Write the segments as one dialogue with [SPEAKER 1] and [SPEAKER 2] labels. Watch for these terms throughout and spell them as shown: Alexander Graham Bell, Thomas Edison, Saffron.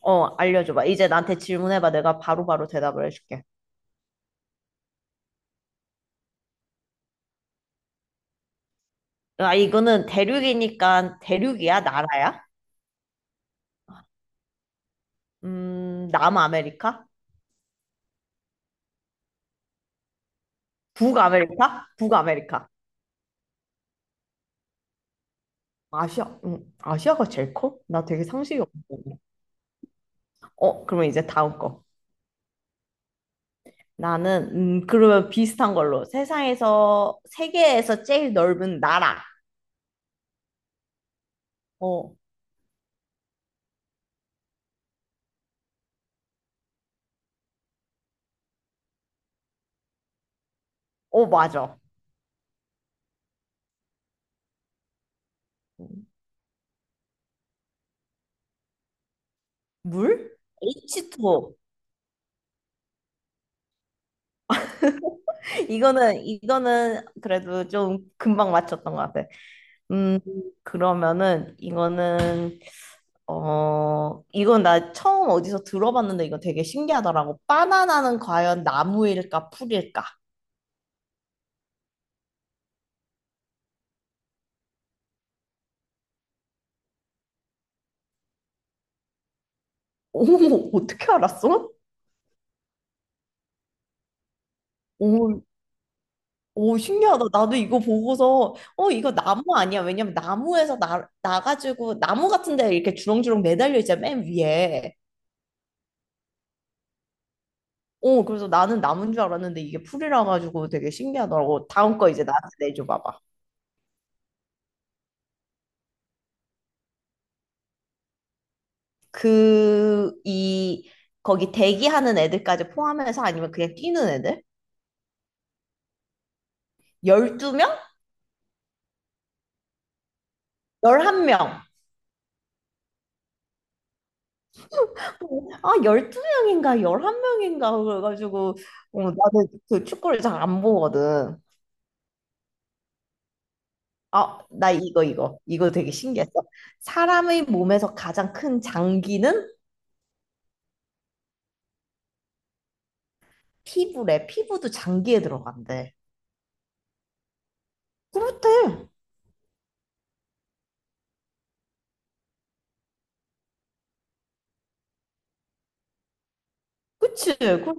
[SPEAKER 1] 어, 알려줘봐. 이제 나한테 질문해봐. 내가 바로바로 대답을 해줄게. 아, 이거는 대륙이니까 대륙이야? 나라야? 남아메리카? 북아메리카? 북아메리카. 아시아, 아시아가 제일 커? 나 되게 상식이 없는데. 어, 그러면 이제 다음 거. 나는, 그러면 비슷한 걸로. 세계에서 제일 넓은 나라. 어, 어, 맞아. 물? H2O. 이거는 그래도 좀 금방 맞췄던 것 같아. 음, 그러면은 이거는 어 이건 나 처음 어디서 들어봤는데 이거 되게 신기하더라고. 바나나는 과연 나무일까 풀일까? 오, 어떻게 알았어? 오, 오, 신기하다. 나도 이거 보고서 이거 나무 아니야? 왜냐면 나무에서 나 나가지고 나무 같은 데 이렇게 주렁주렁 매달려 있잖아 맨 위에. 그래서 나는 나무인 줄 알았는데 이게 풀이라 가지고 되게 신기하더라고. 다음 거 이제 나한테 내줘 봐봐. 그, 이, 거기 대기하는 애들까지 포함해서 아니면 그냥 뛰는 애들? 12명? 11명. 아, 12명인가, 11명인가, 그래가지고, 어, 나는 그 축구를 잘 안 보거든. 아, 나 이거. 이거 되게 신기했어. 사람의 몸에서 가장 큰 장기는 피부래. 피부도 장기에 들어간대. 그렇대. 그치? 그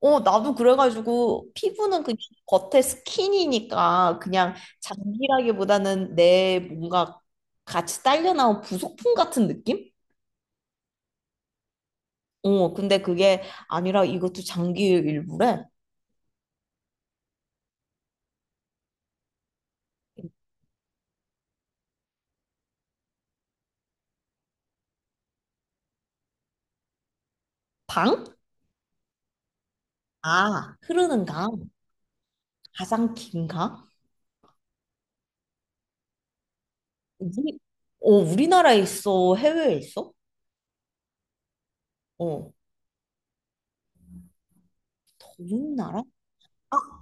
[SPEAKER 1] 어, 나도 그래가지고 피부는 그냥 겉에 스킨이니까 그냥 장기라기보다는 내 뭔가 같이 딸려 나온 부속품 같은 느낌? 어, 근데 그게 아니라 이것도 장기 일부래. 방? 아, 흐르는 강. 가장 긴 강? 우리, 우리나라에 있어? 해외에 있어? 어, 더운 나라? 아,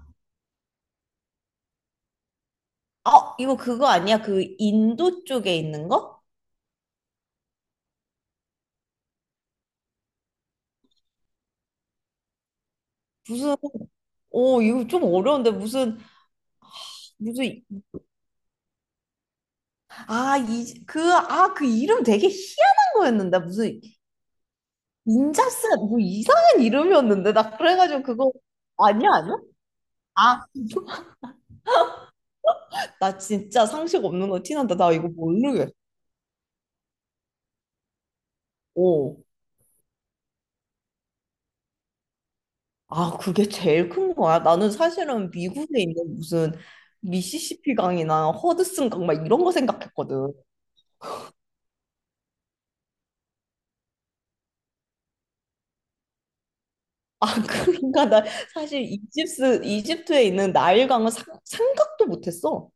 [SPEAKER 1] 아, 이거 그거 아니야? 그 인도 쪽에 있는 거? 무슨, 이거 좀 어려운데 무슨 그 이름 되게 희한한 거였는데. 무슨 인자스, 뭐 이상한 이름이었는데. 나 그래가지고 그거, 아니야, 아니야? 아, 나 진짜 상식 없는 거 티난다. 나 이거 모르겠어. 오. 아, 그게 제일 큰 거야. 나는 사실은 미국에 있는 무슨 미시시피 강이나 허드슨 강 막 이런 거 생각했거든. 아, 그러니까 나 사실 이집트에 있는 나일 강은 생각도 못했어.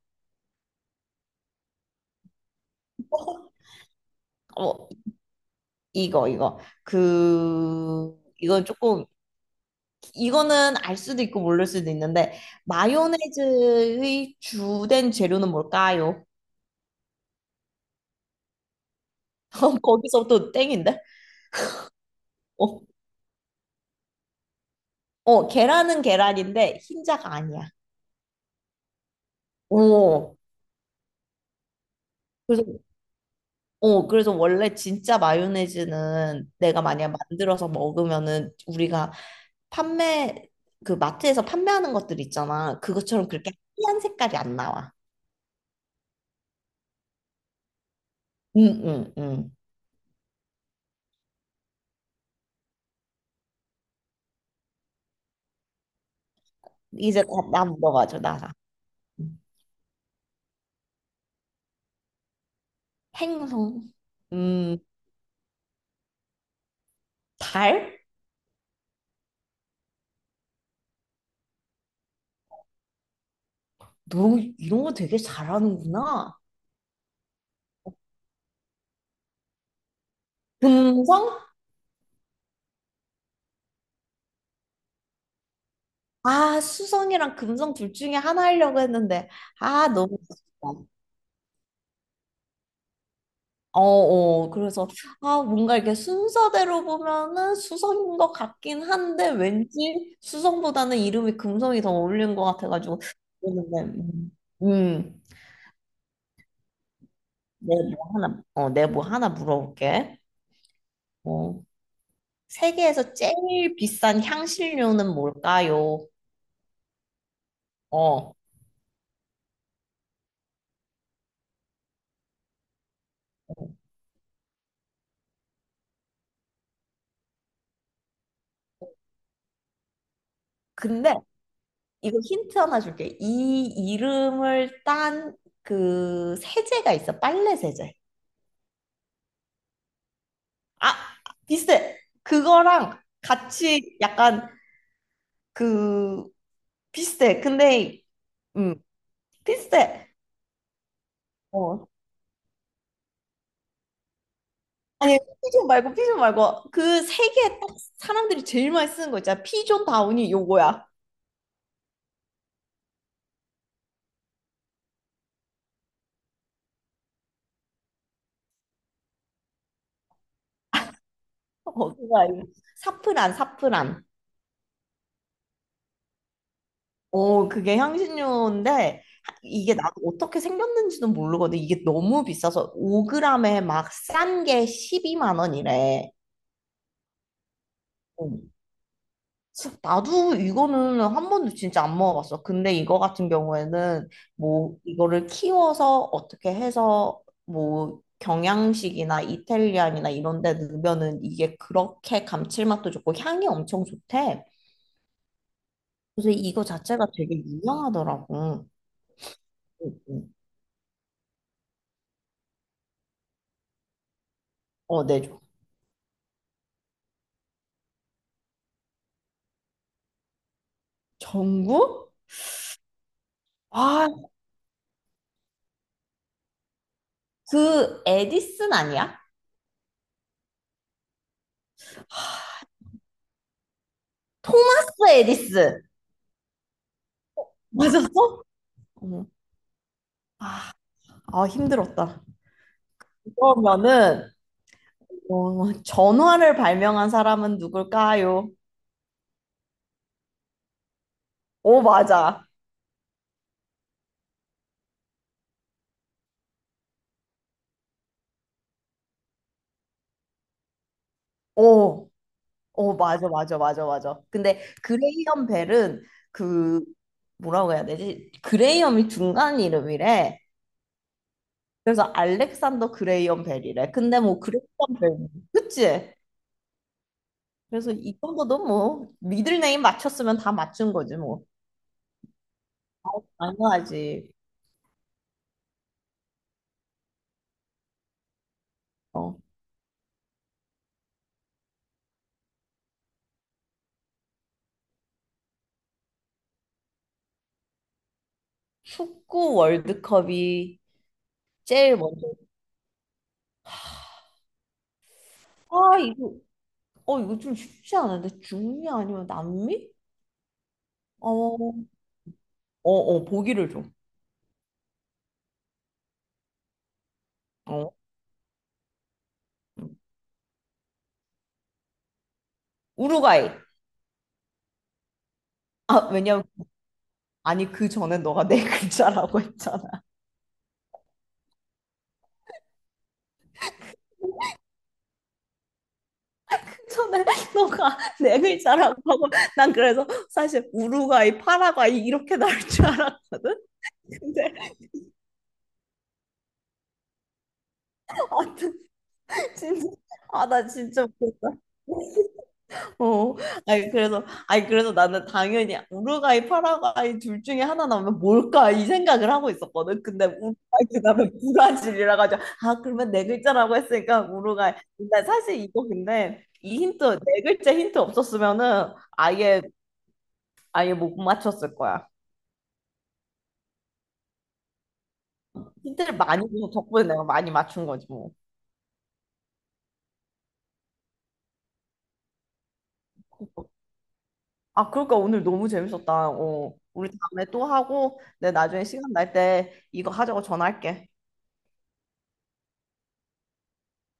[SPEAKER 1] 어, 이거 그 이건 조금 이거는 알 수도 있고 모를 수도 있는데 마요네즈의 주된 재료는 뭘까요? 거기서부터 땡인데? 어, 어 계란은 계란인데 흰자가 아니야. 오 그래서 그래서 원래 진짜 마요네즈는 내가 만약 만들어서 먹으면은 우리가 판매 그 마트에서 판매하는 것들 있잖아. 그것처럼 그렇게 하얀 색깔이 안 나와. 응, 응, 응. 이제 나 물어봐줘, 나라. 행성. 음, 달? 너 이런 거 되게 잘하는구나. 금성? 아, 수성이랑 금성 둘 중에 하나 하려고 했는데, 아, 너무 아쉽다. 어, 어, 그래서, 아, 뭔가 이렇게 순서대로 보면은 수성인 것 같긴 한데, 왠지 수성보다는 이름이 금성이 더 어울리는 것 같아가지고, 그러는데, 음, 내뭐 하나 물어볼게. 어. 세계에서 제일 비싼 향신료는 뭘까요? 어. 근데 이거 힌트 하나 줄게. 이 이름을 딴 그 세제가 있어. 빨래 세제. 아, 비슷해. 그거랑 같이 약간 그 비슷해. 근데 음, 비슷해. 어. 아니, 피존 말고 피존 말고 그 세계딱 사람들이 제일 많이 쓰는 거 있잖아. 피존 다운이 요거야. 어, 그거 아니고. 사프란, 사프란. 어, 그게 향신료인데 하- 이게 나도 어떻게 생겼는지는 모르거든. 이게 너무 비싸서 5g에 막 싼 게 12만 원이래. 어. 나도 이거는 한 번도 진짜 안 먹어봤어. 근데 이거 같은 경우에는 뭐 이거를 키워서 어떻게 해서 뭐 경양식이나 이탈리안이나 이런 데 넣으면은 이게 그렇게 감칠맛도 좋고 향이 엄청 좋대. 그래서 이거 자체가 되게 유명하더라고. 응, 응. 어, 네. 전구? 아, 그 에디슨 아니야? 토마스 에디슨. 맞았어? 어. 아, 아, 힘들었다. 그러면은 어, 전화를 발명한 사람은 누굴까요? 오, 맞아. 오, 오, 맞아, 맞아, 맞아, 맞아. 근데 그레이엄 벨은 그 뭐라고 해야 되지? 그레이엄이 중간 이름이래. 그래서 알렉산더 그레이엄 벨이래. 근데 뭐 그레이엄 벨, 그치? 그래서 이 정도도 뭐 미들네임 맞췄으면 다 맞춘 거지 뭐. 당연하지. 어, 축구 월드컵이 제일 먼저. 아, 이거 좀 쉽지 않은데? 중미 아니면 남미? 어, 어, 어, 보기를 줘. 어, 우루과이. 아, 왜냐면, 아니, 그 전에 너가 네 글자라고 했잖아. 그 전에 너가 네 글자라고 하고, 난 그래서 사실 우루과이, 파라과이 이렇게 나올 줄 알았거든? 근데, 아, 진짜, 아, 나 진짜 웃겼다. 어, 아니, 그래서 나는 당연히 우루과이, 파라과이 둘 중에 하나 나오면 뭘까? 이 생각을 하고 있었거든. 근데 우루과이 그다음에 브라질이라 가지고, 아, 그러면 네 글자라고 했으니까 우루과이. 근데 사실 이거 근데 이 힌트, 네 글자 힌트 없었으면은 아예 못 맞췄을 거야. 힌트를 많이 줘서 덕분에 내가 많이 맞춘 거지, 뭐. 아, 그러니까 오늘 너무 재밌었다. 어, 우리 다음에 또 하고, 내 나중에 시간 날 때 이거 하자고 전화할게.